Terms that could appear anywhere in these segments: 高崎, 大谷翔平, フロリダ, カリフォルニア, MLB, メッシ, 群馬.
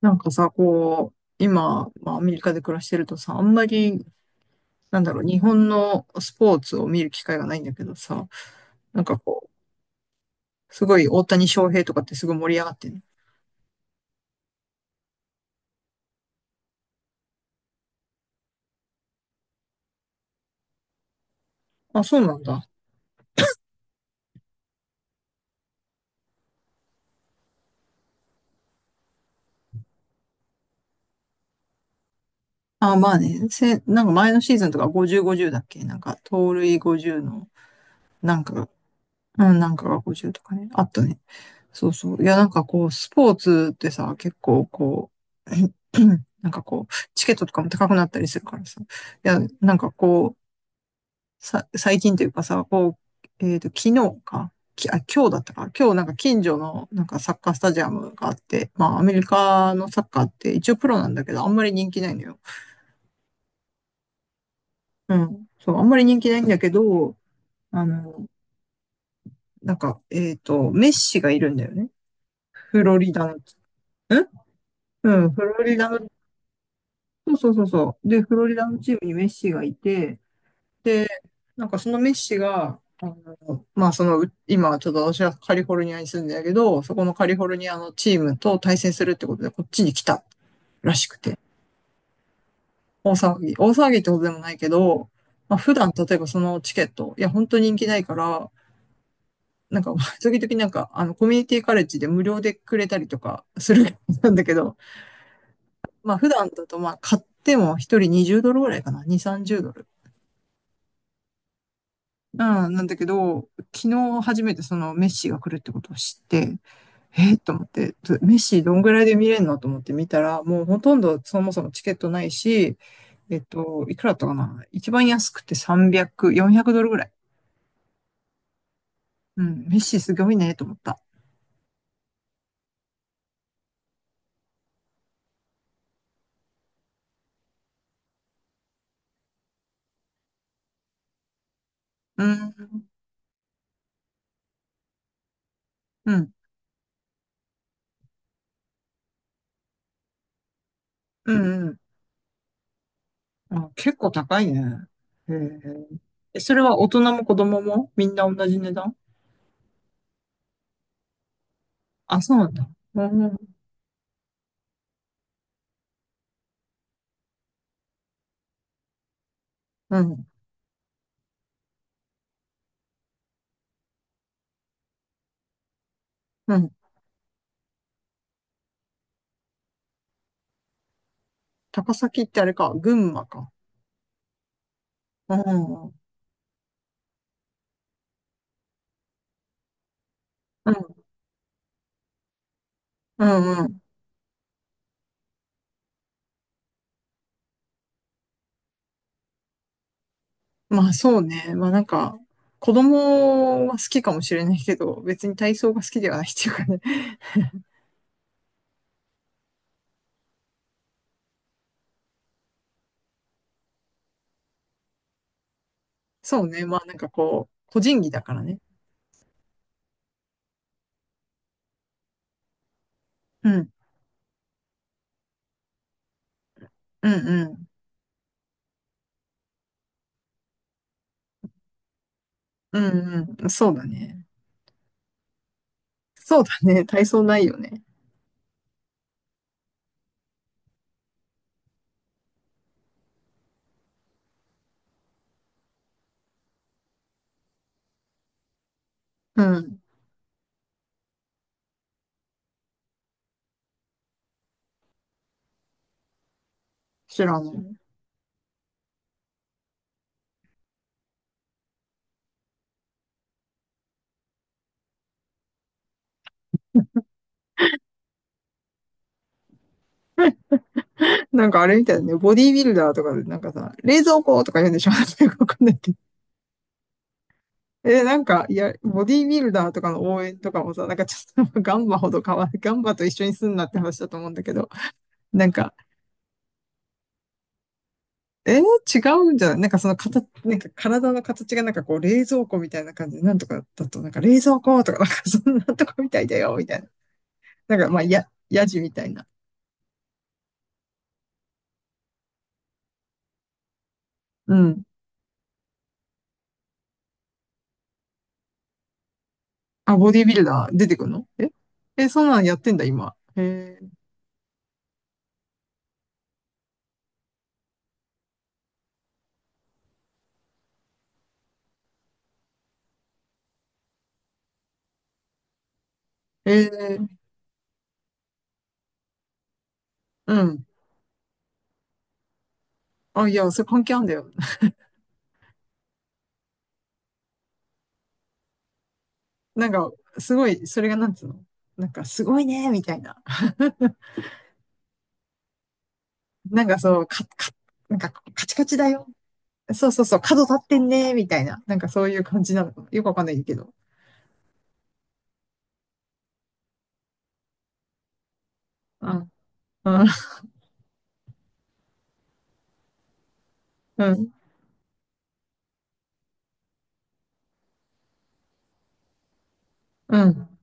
なんかさ、こう、今、まあ、アメリカで暮らしてるとさ、あんまり、なんだろう、日本のスポーツを見る機会がないんだけどさ、なんかこう、すごい大谷翔平とかってすごい盛り上がってる。あ、そうなんだ。あ、まあね、なんか前のシーズンとか50、50だっけなんか、盗塁50の、なんかが、うん、なんかが50とかね、あったね。そうそう。いや、なんかこう、スポーツってさ、結構こう、なんかこう、チケットとかも高くなったりするからさ、いや、なんかこう、最近というかさ、こう、昨日か、あ、今日だったか、今日なんか近所のなんかサッカースタジアムがあって、まあアメリカのサッカーって一応プロなんだけど、あんまり人気ないのよ。うん。そう、あんまり人気ないんだけど、あの、なんか、メッシがいるんだよね。フロリダの、フロリダの、そうそうそうそう。で、フロリダのチームにメッシがいて、で、なんかそのメッシが、あの、まあその、今ちょっと私はカリフォルニアに住んでるけど、そこのカリフォルニアのチームと対戦するってことでこっちに来たらしくて、大騒ぎ。大騒ぎってことでもないけど、まあ普段例えばそのチケット、いや本当人気ないから、なんか 時々なんかあのコミュニティカレッジで無料でくれたりとかする なんだけど、まあ普段だとまあ買っても一人20ドルぐらいかな、2、30ドル。うん、なんだけど、昨日初めてそのメッシが来るってことを知って、えー、と思って、メッシどんぐらいで見れるの？と思って見たら、もうほとんどそもそもチケットないし、いくらだったかな、一番安くて300、400ドルぐらい。うん、メッシすごいね、と思った。うん、うん、うん、うん。あ、結構高いね。へーえ、それは大人も子供もみんな同じ値段？あ、そうなんだ。うん、うん、うん。高崎ってあれか、群馬か。うん、うん、うんうん。まあそうね。まあなんか、子供は好きかもしれないけど、別に体操が好きではないっていうかね。そうね。まあなんかこう、個人技だからね。うん。うんうん。うんうん。そうだね。そうだね。体操ないよね。うん。知らない。なんかあれみたいだね。ボディービルダーとかでなんかさ、冷蔵庫とか言うんでしょ？ なんかよく わかんないけど。え、なんか、いや、ボディービルダーとかの応援とかもさ、なんかちょっと ガンバほど変わる。ガンバと一緒にすんなって話だと思うんだけど、なんか、違うんじゃない？なんかその形、なんか体の形がなんかこう冷蔵庫みたいな感じで、なんとかだと、なんか冷蔵庫とか、なんかそんなとこみたいだよ、みたいな。なんかまあ、やじみたいな。うん。あ、ボディービルダー出てくるの？ええ、そんなんやってんだ、今。へえ、へえうん。あ、いや、それ関係あんだよ。なんか、すごい、それがなんつうの？なんか、すごいね、みたいな。なんかそう、なんか、カチカチだよ。そうそうそう、角立ってんね、みたいな。なんかそういう感じなのかな。よくわかんないけど。うん、うん、うん、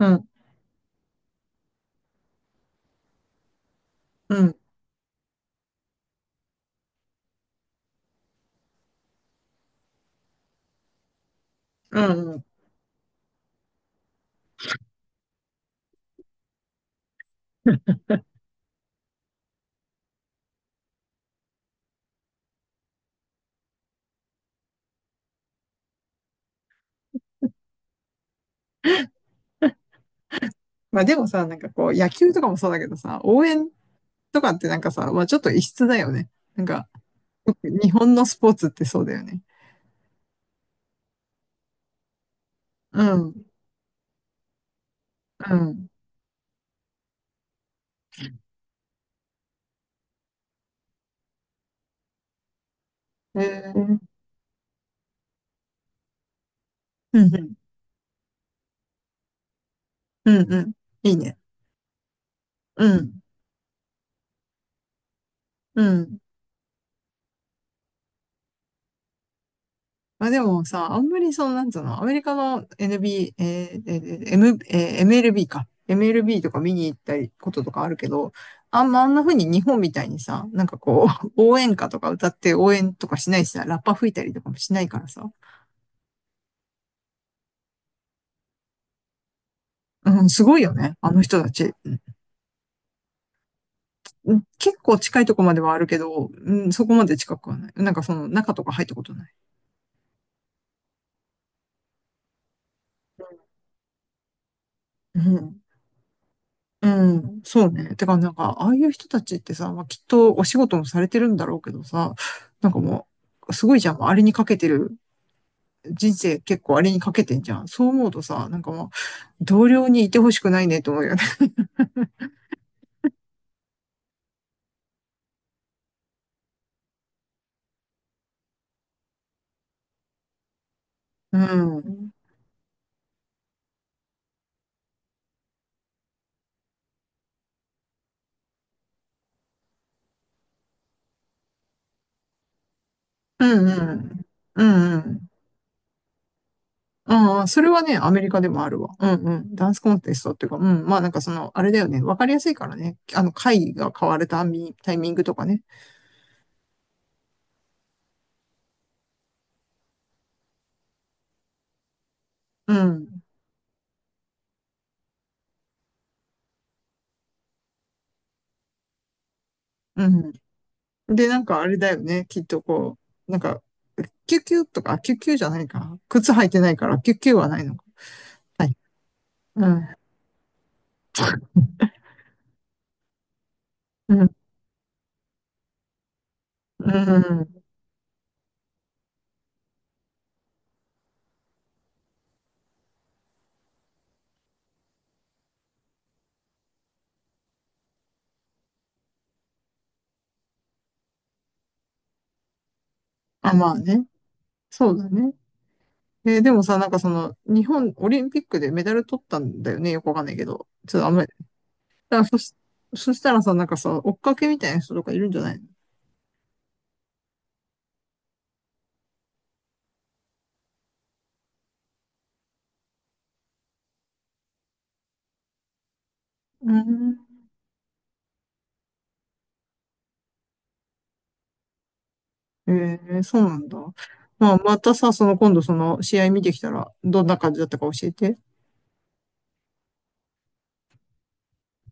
うん、うん、うん。まあでもさ、なんかこう、野球とかもそうだけどさ、応援とかってなんかさ、まあちょっと異質だよね。なんか、日本のスポーツってそうだよね。うん、うん。えー、うん、うん、うん、うん。いいね。うん、うん。まあでもさ、あんまりその、なんつうの、アメリカの NB、M MLB か。MLB とか見に行ったりこととかあるけど、あんな風に日本みたいにさ、なんかこう、応援歌とか歌って応援とかしないしさ、ラッパ吹いたりとかもしないからさ。うん、すごいよね、あの人たち。うん、結構近いとこまではあるけど、うん、そこまで近くはない。なんかその中とか入ったことない。うんうん、そうね。てか、なんか、ああいう人たちってさ、まあ、きっとお仕事もされてるんだろうけどさ、なんかもう、すごいじゃん。もうあれにかけてる。人生結構あれにかけてんじゃん。そう思うとさ、なんかもう、同僚にいてほしくないねと思うよね。うん。うんうん。うんうん。ああ、それはね、アメリカでもあるわ。うんうん。ダンスコンテストっていうか、うん。まあなんかその、あれだよね。わかりやすいからね。あの、会が変わるタイミングとかね。うん。うん。で、なんかあれだよね。きっとこう、なんか、キュキュとか、キュキュじゃないか。靴履いてないから、キュキュはないのか。はい。うん。うん。うん。あ、まあね。そうだね。えーでもさ、なんかその、日本オリンピックでメダル取ったんだよね。よくわかんないけど。ちょっとあんまり。だからそしたらさ、なんかさ、追っかけみたいな人とかいるんじゃないの？うん。えー、そうなんだ。まあ、またさ、その今度その試合見てきたら、どんな感じだったか教えて。